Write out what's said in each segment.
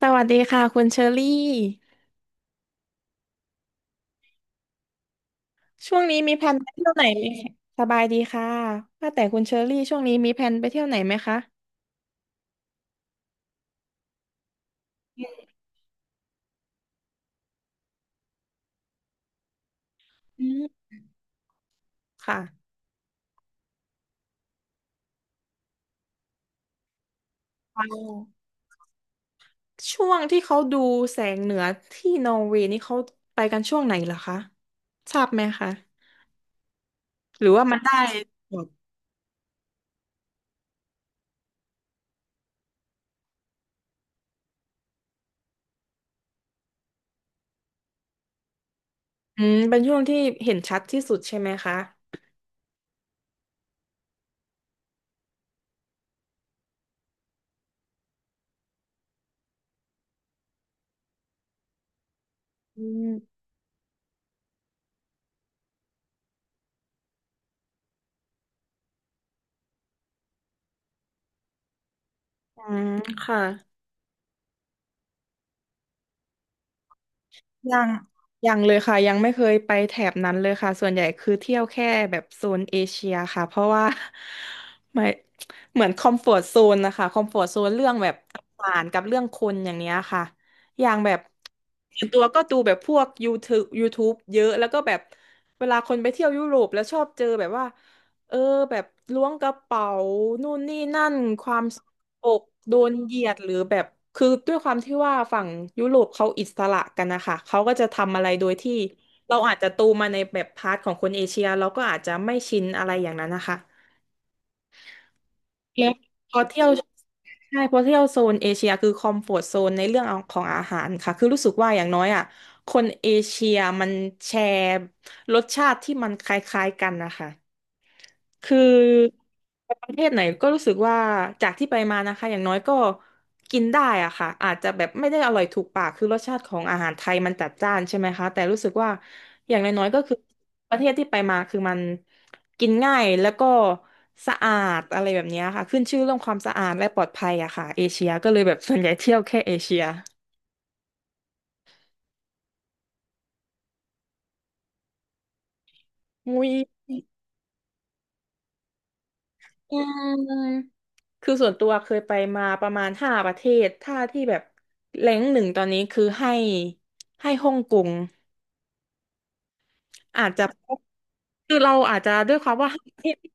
สวัสดีค่ะคุณเชอรี่ช่วงนี้มีแผนไปเที่ยวไหนไหมสบายดีค่ะว่าแต่คุณเชอรี่ช่วงนี้มีแผนไปเที่ยวไหนไหมคะอืมค่ะว้าวช่วงที่เขาดูแสงเหนือที่นอร์เวย์นี่เขาไปกันช่วงไหนเหรอคะทราบไหมคะหรือว่ามันได้หมดอืมเป็นช่วงที่เห็นชัดที่สุดใช่ไหมคะอืมอืมค่ะ ยังยังเลยค่ะยังไม่เคยไปแถบนั้นเลยค่ะส่วนใหญ่คือเที่ยวแค่แบบโซนเอเชียค่ะเพราะว่า ไม่เหมือนคอมฟอร์ z โซนนะคะคอมฟอร์ z โซนเรื่องแบบอาหารกับเรื่องคนอย่างเนี้ยค่ะอย่างแบบส่วนตัวก็ดูแบบพวก YouTube เยอะแล้วก็แบบเวลาคนไปเที่ยวยุโรปแล้วชอบเจอแบบว่า เออแบบล้วงกระเป๋านู่นนี่นั่นความสกปรกโดนเหยียดหรือแบบคือด้วยความที่ว่าฝั่งยุโรปเขาอิสระกันนะคะเขาก็จะทำอะไรโดยที่เราอาจจะโตมาในแบบพาร์ทของคนเอเชียเราก็อาจจะไม่ชินอะไรอย่างนั้นนะคะแล้วพอเที่ยวใช่พอเที่ยวโซนเอเชียคือคอมฟอร์ z โซนในเรื่องของอาหารค่ะคือรู้สึกว่าอย่างน้อยอ่ะคนเอเชียมันแชร์รสชาติที่มันคล้ายๆกันนะคะ คือไปประเทศไหนก็รู้สึกว่าจากที่ไปมานะคะอย่างน้อยก็กินได้อะค่ะอาจจะแบบไม่ได้อร่อยถูกปากคือรสชาติของอาหารไทยมันจัดจ้านใช่ไหมคะแต่รู้สึกว่าอย่างน้อยๆก็คือประเทศที่ไปมาคือมันกินง่ายแล้วก็สะอาดอะไรแบบเนี้ยค่ะขึ้นชื่อเรื่องความสะอาดและปลอดภัยอะค่ะเอเชียก็เลยแบบส่วนใหญ่เที่ยวแค่เอเชียมุยอืม คือส่วนตัวเคยไปมาประมาณห้าประเทศถ้าที่แบบแรงกหนึ่งตอนนี้คือให้ฮ่องกงอาจจะคือเราอาจจะด้วยความว่าห้าประเทศ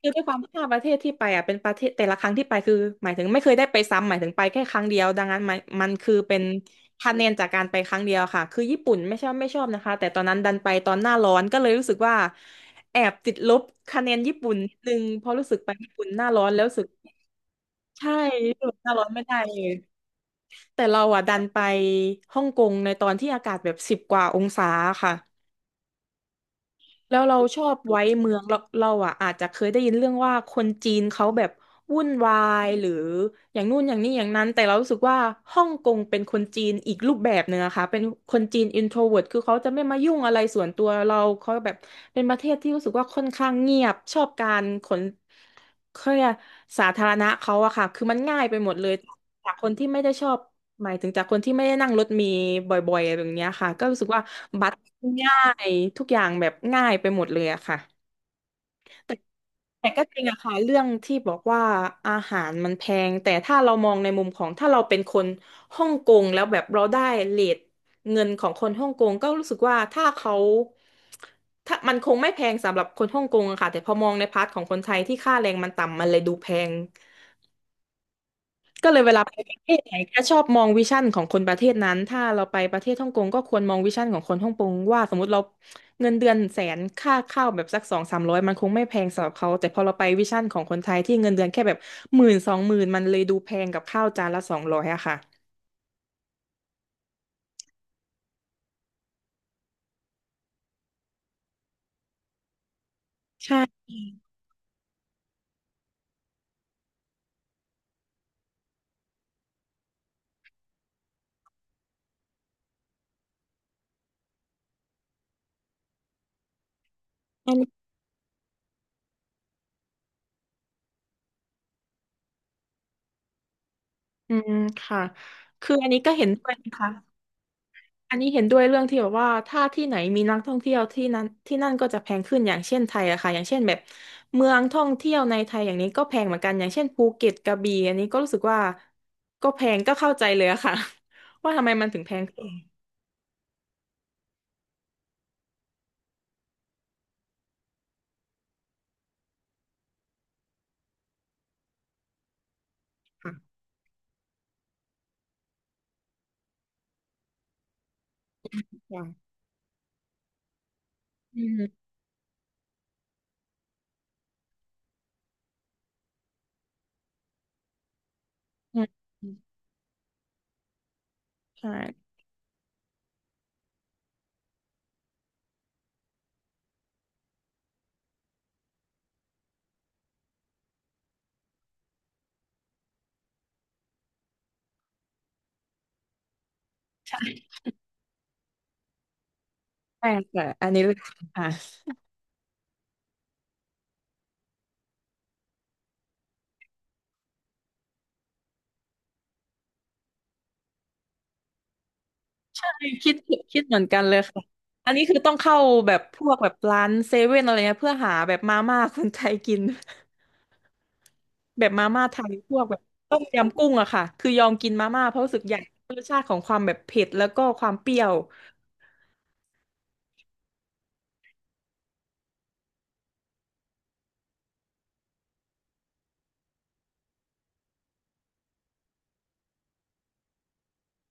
คือด้วยความห้าประเทศที่ไปอ่ะเป็นประเทศแต่ละครั้งที่ไปคือหมายถึงไม่เคยได้ไปซ้ำหมายถึงไปแค่ครั้งเดียวดังนั้นมันคือเป็นคะแนนจากการไปครั้งเดียวค่ะคือญี่ปุ่นไม่ชอบนะคะแต่ตอนนั้นดันไปตอนหน้าร้อนก็เลยรู้สึกว่าแอบติดลบคะแนนญี่ปุ่นนิดนึงเพราะรู้สึกไปญี่ปุ่นหน้าร้อนแล้วรู้สึกใช่รู้สึกหน้าร้อนไม่ได้เลย แต่เราอ่ะดันไปฮ่องกงในตอนที่อากาศแบบ10 กว่าองศาค่ะแล้วเราชอบไว้เมืองเราอ่ะอาจจะเคยได้ยินเรื่องว่าคนจีนเขาแบบวุ่นวายหรืออย่างนู่นอย่างนี้อย่างนั้นแต่เรารู้สึกว่าฮ่องกงเป็นคนจีนอีกรูปแบบหนึ่งอะคะเป็นคนจีนอินโทรเวิร์ t คือเขาจะไม่มายุ่งอะไรส่วนตัวเราเขาแบบเป็นประเทศที่รู้สึกว่าค่อนข้างเงียบชอบการขน เขาเนี่ยกสาธารณะเขาอะค่ะคือมันง่ายไปหมดเลยจากคนที่ไม่ได้ชอบหมายถึงจากคนที่ไม่ได้นั่งรถเมีบ่อยๆอะไรแบบเนี้ยค่ะก็รู้สึกว่าบัสง่ายทุกอย่างแบบง่ายไปหมดเลยอะค่ะ แต่แต่ก็จริงอะค่ะเรื่องที่บอกว่าอาหารมันแพงแต่ถ้าเรามองในมุมของถ้าเราเป็นคนฮ่องกงแล้วแบบเราได้เรทเงินของคนฮ่องกงก็รู้สึกว่าถ้าเขาถ้ามันคงไม่แพงสำหรับคนฮ่องกงอะค่ะแต่พอมองในพาร์ทของคนไทยที่ค่าแรงมันต่ำมันเลยดูแพง ก็เลยเวลาไปประเทศไหนก็ชอบมองวิชั่นของคนประเทศนั้นถ้าเราไปประเทศฮ่องกงก็ควรมองวิชั่นของคนฮ่องกงว่าสมมติเราเงินเดือนแสนค่าข้าวแบบสักสองสามร้อยมันคงไม่แพงสำหรับเขาแต่พอเราไปวิชั่นของคนไทยที่เงินเดือนแค่แบบหมื่นสองหมื่นมันเลยดูแพงกับข้าวจานละ200อะค่ะใช่อันนี้อืมค่ะคืออันนี้ก็เห็นด้วยนะคะ อันนี้เห็นด้วยเรื่องที่แบบว่าถ้าที่ไหนมีนักท่องเที่ยวที่นั้นที่นั่นก็จะแพงขึ้นอย่างเช่นไทยอะค่ะอย่างเช่นแบบเมืองท่องเที่ยวในไทยอย่างนี้ก็แพงเหมือนกันอย่างเช่นภูเก็ตกระบี่อันนี้ก็รู้สึกว่าก็แพงก็เข้าใจเลยอะค่ะ ว่าทำไมมันถึงแพงขึ้นค่ะค่ะอืมอืมใช่แต่อันนี้เลยค่ะคิดคิดเหมือนกันเลยค่ะอันนี้คือต้องเข้าแบบพวกแบบร้านเซเว่นอะไรเงี้ยเพื่อหาแบบมาม่าคนไทยกิน แบบมาม่าไทยพวกแบบต้มยำกุ้งอะค่ะคือยอมกินมาม่าเพราะรู้สึกอยากชาติของความแบบเผ็ดแล้วก็ความเปรี้ยว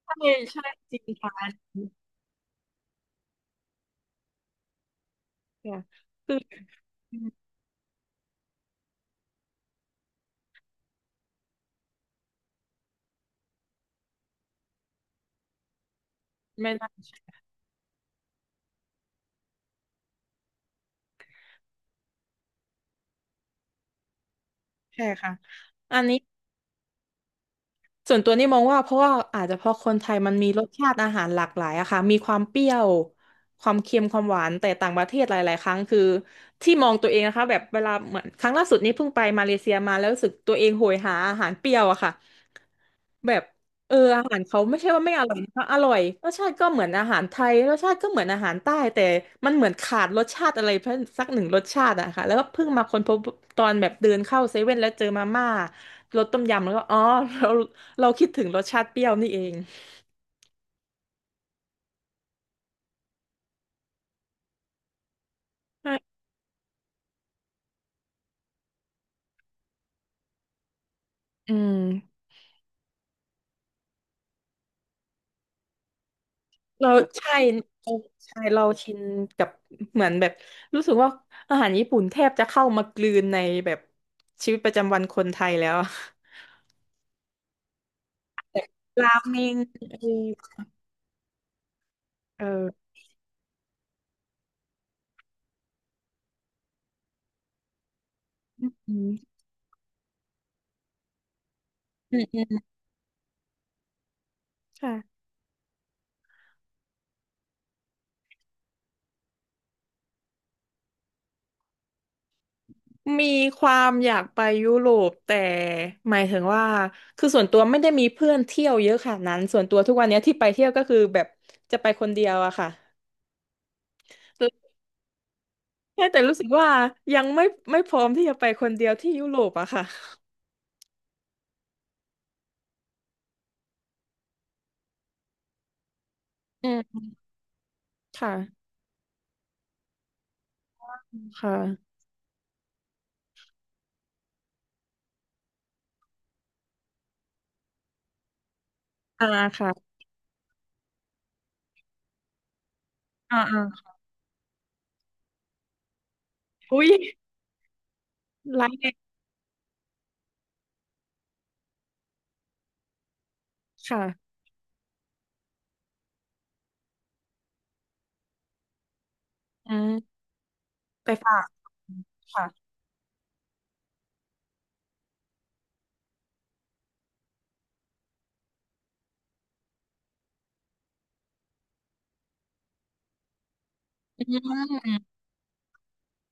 ใช่ใช่จริงค่ะค่ะคือไม่ได้ใช่ค่ะอันนี้ส่วนตัวนี่มองว่าเพราะว่าอาจจะเพราะคนไทยมันมีรสชาติอาหารหลากหลายอะค่ะมีความเปรี้ยวความเค็มความหวานแต่ต่างประเทศหลายๆครั้งคือที่มองตัวเองนะคะแบบเวลาเหมือนครั้งล่าสุดนี้เพิ่งไปมาเลเซียมาแล้วรู้สึกตัวเองโหยหาอาหารเปรี้ยวอะค่ะ แบบอาหารเขาไม่ใช่ว่าไม่อร่อยนะคะอร่อยรสชาติก็เหมือนอาหารไทยรสชาติก็เหมือนอาหารใต้แต่มันเหมือนขาดรสชาติอะไรเพิ่มสักหนึ่งรสชาติอะค่ะแล้วก็เพิ่งมาค้นพบตอนแบบเดินเข้าเซเว่นแล้วเจอมาม่ารสต้มยำแล้วก็อ๋อเราเราคิดถึงรสชาติเปรี้ยวนี่เองใช่อืมเราใช่เราเราชินกับเหมือนแบบรู้สึกว่าอาหารญี่ปุ่นแทบจะเข้ามากลืนในแบบชีวิตประจำวันคนไทยแล้วอะ ราเมงเออเออ อืมอืมอืมค่ะมีความอยากไปยุโรปแต่หมายถึงว่าคือส่วนตัวไม่ได้มีเพื่อนเที่ยวเยอะขนาดนั้นส่วนตัวทุกวันเนี้ยที่ไปเที่ยวก็คือแบบจะไปคนเดียวอะค่ะแค่แต่รู้สึกว่ายังไม่พร้อมที่จะไปคนเดียวที่ยุโรปอะค่ะอืมค่ะค่ะอ่าค่ะอ่าอ่าอุ้ยไลน์ค่ะอืมไปฝากค่ะ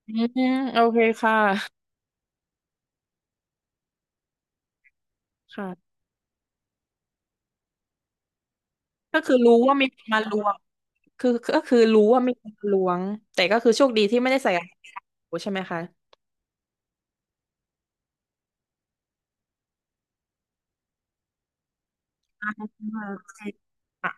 อืมอืมโอเคค่ะค่ะ ก็คือรู้ว่ามีคนมาล้วงคือก็คือรู้ว่ามีคนมาล้วงแต่ก็คือโชคดีที่ไม่ได้ใส่กางเกงขาสั้นใช่ไหมคะอืมใช่ค่ะ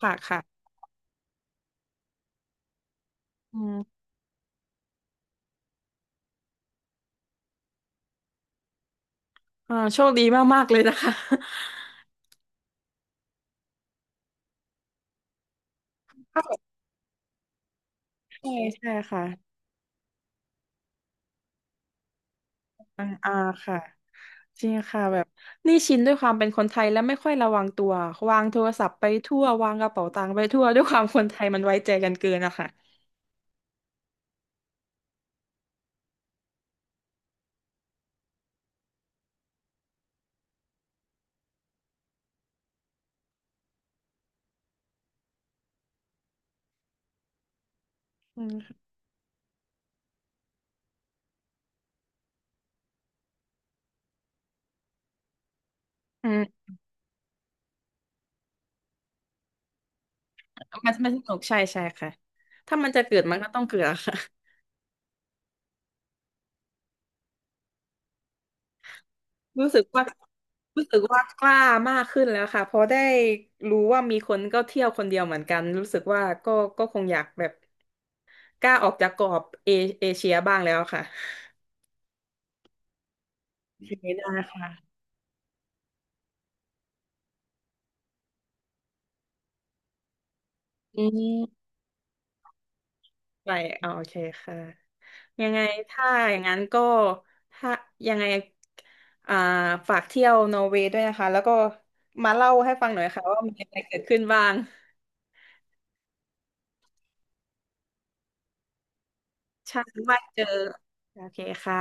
ค่ะค่ะอืมอ่าโชคดีมากๆเลยนะคะ ก็แบบใช่ใช่ค่ะอ่าอ่าค่ะ จริงค่ะแบบนี่ชินด้วยความเป็นคนไทยและไม่ค่อยระวังตัววางโทรศัพท์ไปทั่ววางกระเป๋าตังค์ไปทั่วด้วยความคนไทยมันไว้ใจกันเกินอะค่ะอืมอืมมันสนุกใช่ใช่ค่ะถ้ามันจะเกิดมันก็ต้องเกิดอะค่ะ รู้สึกว่ารู้สึกว่ากล้ามากขึ้นแล้วค่ะเพราะได้รู้ว่ามีคนก็เที่ยวคนเดียวเหมือนกันรู้สึกว่าก็ก็คงอยากแบบกล้าออกจากกรอบเอเชียบ้างแล้วค่ะโอเคได้ค่ะอืมไปเอโอเคค่ะยังไงถ้าอย่างนั้นก็ถ้ายังไงอ่าฝากเที่ยวนอร์เวย์ด้วยนะคะแล้วก็มาเล่าให้ฟังหน่อยค่ะว่ามีอะไรเกิดขึ้นบ้างใช่ว่าเจอโอเคค่ะ